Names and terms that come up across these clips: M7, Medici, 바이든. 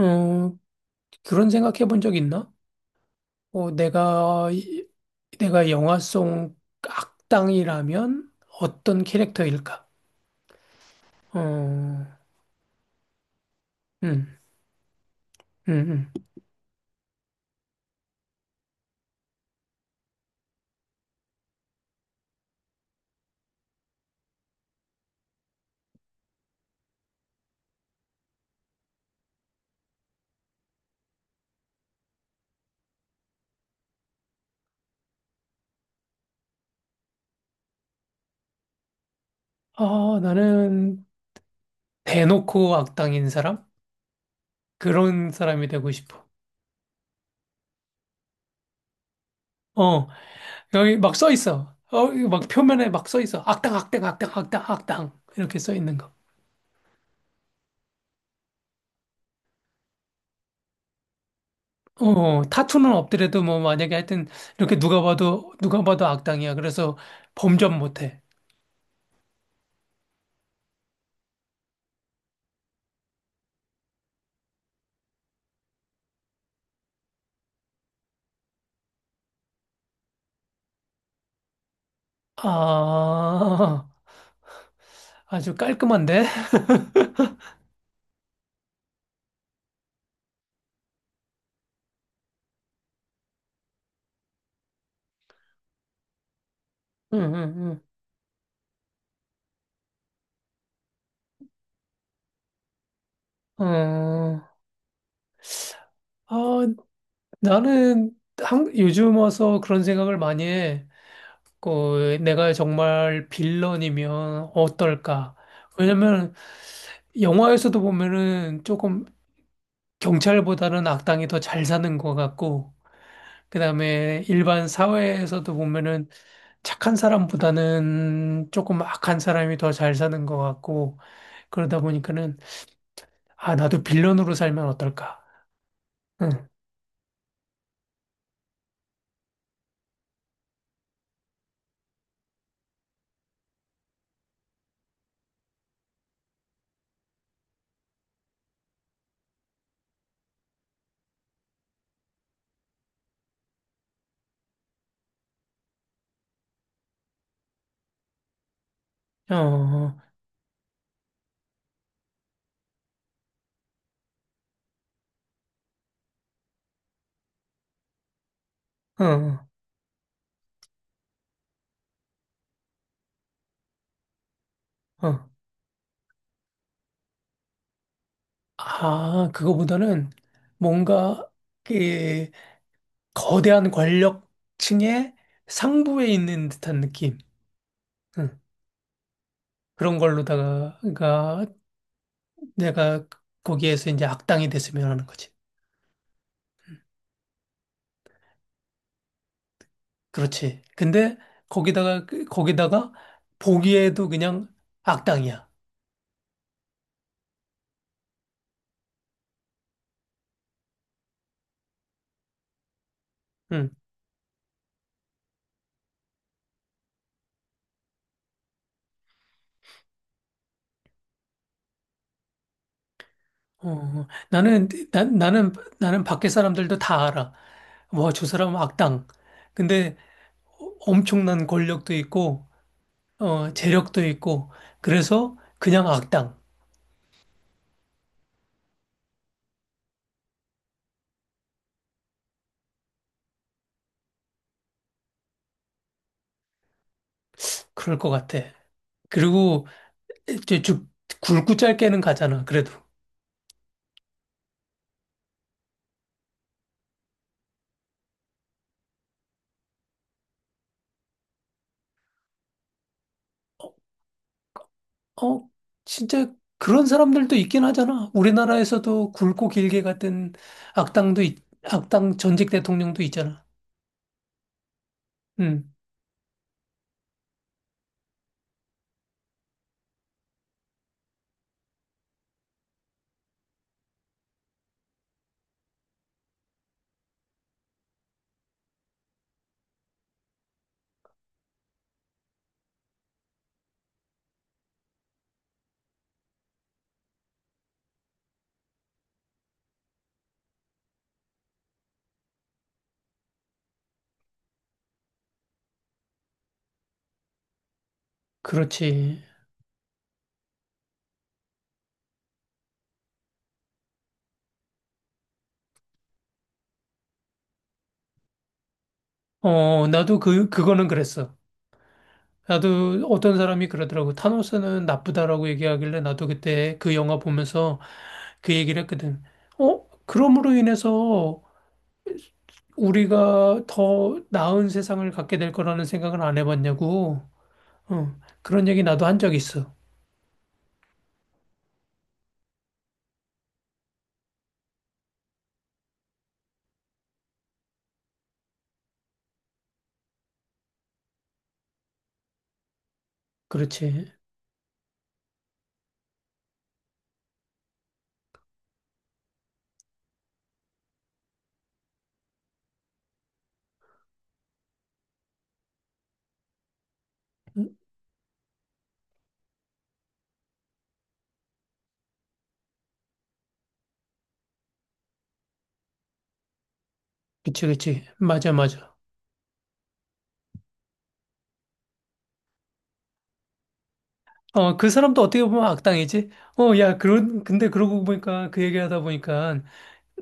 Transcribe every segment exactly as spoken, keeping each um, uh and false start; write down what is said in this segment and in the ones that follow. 음, 그런 생각해 본 적 있나? 어, 내가, 이- 내가 영화 속 악당이라면 어떤 캐릭터일까? 어, 음, 음, 음. 아, 나는 대놓고 악당인 사람? 그런 사람이 되고 싶어. 어, 여기 막 써 있어. 어, 이거 막 표면에 막 써 있어. 악당, 악당, 악당, 악당, 악당. 이렇게 써 있는 거. 어, 타투는 없더라도 뭐 만약에 하여튼 이렇게 누가 봐도, 누가 봐도 악당이야. 그래서 범접 못 해. 아, 아주 깔끔한데? 응, 응, 응. 어, 아, 나는 한, 요즘 와서 그런 생각을 많이 해. 그, 내가 정말 빌런이면 어떨까? 왜냐면 영화에서도 보면은 조금 경찰보다는 악당이 더 잘 사는 것 같고, 그다음에 일반 사회에서도 보면은 착한 사람보다는 조금 악한 사람이 더 잘 사는 것 같고, 그러다 보니까는 아, 나도 빌런으로 살면 어떨까? 응, 어, 어, 어, 어. 아, 그거보다는 뭔가 그 거대한 권력층의 상부에 있는 듯한 느낌. 응. 그런 걸로다가 가 내가 거기에서 이제 악당이 됐으면 하는 거지. 그렇지. 근데 거기다가 그- 거기다가 보기에도 그냥 악당이야. 응. 어, 어. 나는 나, 나는 나는 밖에 사람들도 다 알아. 와, 저 사람은 악당. 근데 엄청난 권력도 있고, 어, 재력도 있고, 그래서 그냥 악당. 그럴 것 같아. 그리고 이제 쭉 굵고 짧게는 가잖아, 그래도. 어, 진짜 그런 사람들도 있긴 하잖아. 우리나라에서도 굵고 길게 갔던 악당도, 있- 악당 전직 대통령도 있잖아. 음, 그렇지. 어, 나도 그, 그거는 그랬어. 나도 어떤 사람이 그러더라고. 타노스는 나쁘다라고 얘기하길래 나도 그때 그 영화 보면서 그 얘기를 했거든. 어? 그럼으로 인해서 우리가 더 나은 세상을 갖게 될 거라는 생각을 안 해봤냐고. 어, 그런 얘기 나도 한 적 있어. 그렇지. 응, 그치, 그치. 맞아, 맞아. 어, 그 사람도 어떻게 보면 악당이지? 어, 야, 그런, 근데 그러고 보니까 그 얘기하다 보니까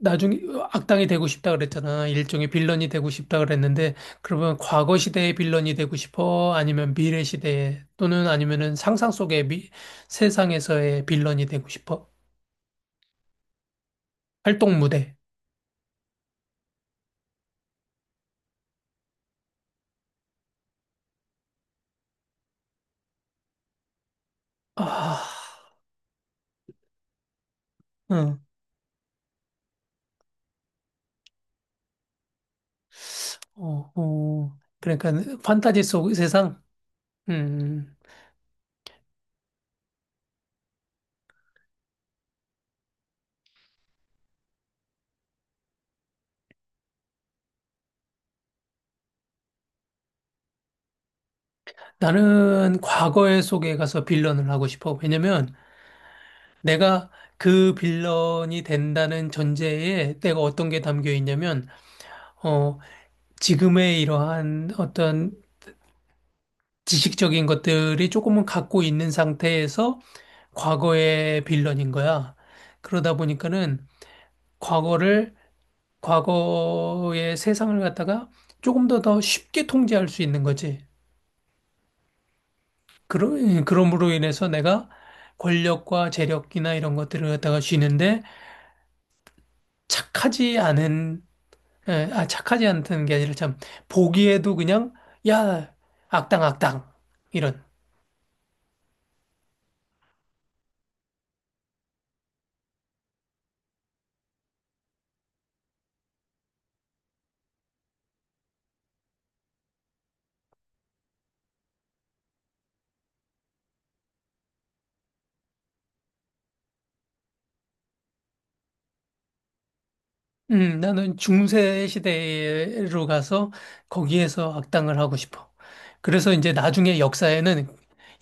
나중에 악당이 되고 싶다 그랬잖아. 일종의 빌런이 되고 싶다 그랬는데, 그러면 과거 시대의 빌런이 되고 싶어? 아니면 미래 시대에, 또는 아니면은 상상 속의 미, 세상에서의 빌런이 되고 싶어? 활동 무대. 아, 응, 어, 어. 그러니까 판타지 속 세상? 음, 나는 과거의 속에 가서 빌런을 하고 싶어. 왜냐면 내가 그 빌런이 된다는 전제에 내가 어떤 게 담겨 있냐면, 어, 지금의 이러한 어떤 지식적인 것들이 조금은 갖고 있는 상태에서 과거의 빌런인 거야. 그러다 보니까는 과거를, 과거의 세상을 갖다가 조금 더 더 쉽게 통제할 수 있는 거지. 그러, 그럼으로 인해서 내가 권력과 재력이나 이런 것들을 갖다가 쥐는데 착하지 않은, 에, 아, 착하지 않다는 게 아니라 참, 보기에도 그냥, 야, 악당, 악당. 이런. 음, 나는 중세 시대로 가서 거기에서 악당을 하고 싶어. 그래서 이제 나중에 역사에는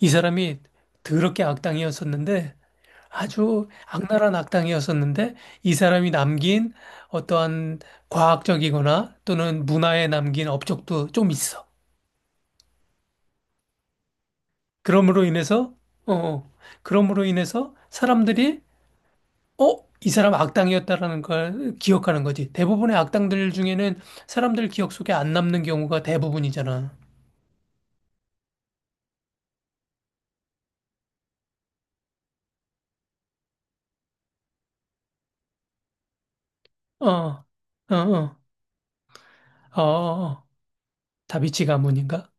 이 사람이 더럽게 악당이었었는데 아주 악랄한 악당이었었는데 이 사람이 남긴 어떠한 과학적이거나 또는 문화에 남긴 업적도 좀 있어. 그러므로 인해서 어, 어. 그러므로 인해서 사람들이 어? 이 사람 악당이었다라는 걸 기억하는 거지. 대부분의 악당들 중에는 사람들 기억 속에 안 남는 경우가 대부분이잖아. 어, 어, 어, 어, 어. 어. 다비치 가문인가?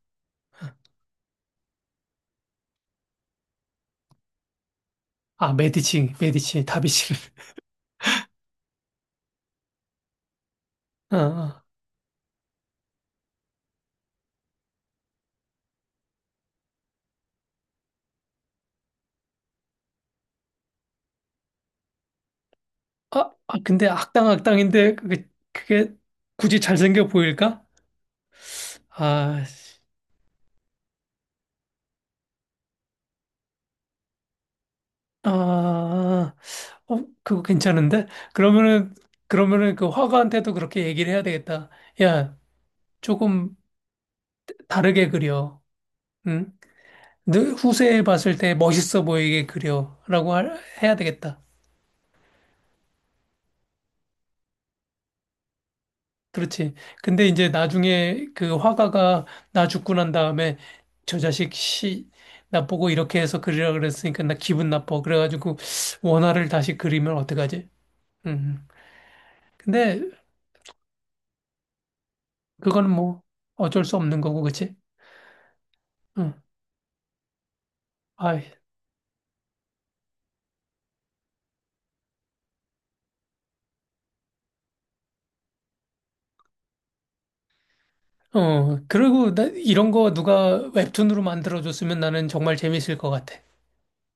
아, 메디치, 메디치, 다비치를. 어, 어. 아, 아, 근데 악당 악당인데 그게, 그게 굳이 잘생겨 보일까? 아, 씨. 아, 어, 그거 괜찮은데? 그러면은, 그러면은 그 화가한테도 그렇게 얘기를 해야 되겠다. 야, 조금 다르게 그려. 응? 늘 후세에 봤을 때 멋있어 보이게 그려라고 할- 해야 되겠다. 그렇지. 근데 이제 나중에 그 화가가 나 죽고 난 다음에 저 자식 씨, 나 보고 이렇게 해서 그리라 그랬으니까 나 기분 나빠. 그래가지고 원화를 다시 그리면 어떡하지? 음. 근데 그거는 뭐 어쩔 수 없는 거고, 그치? 응. 아이. 어. 그리고 나 이런 거 누가 웹툰으로 만들어줬으면 나는 정말 재밌을 것 같아.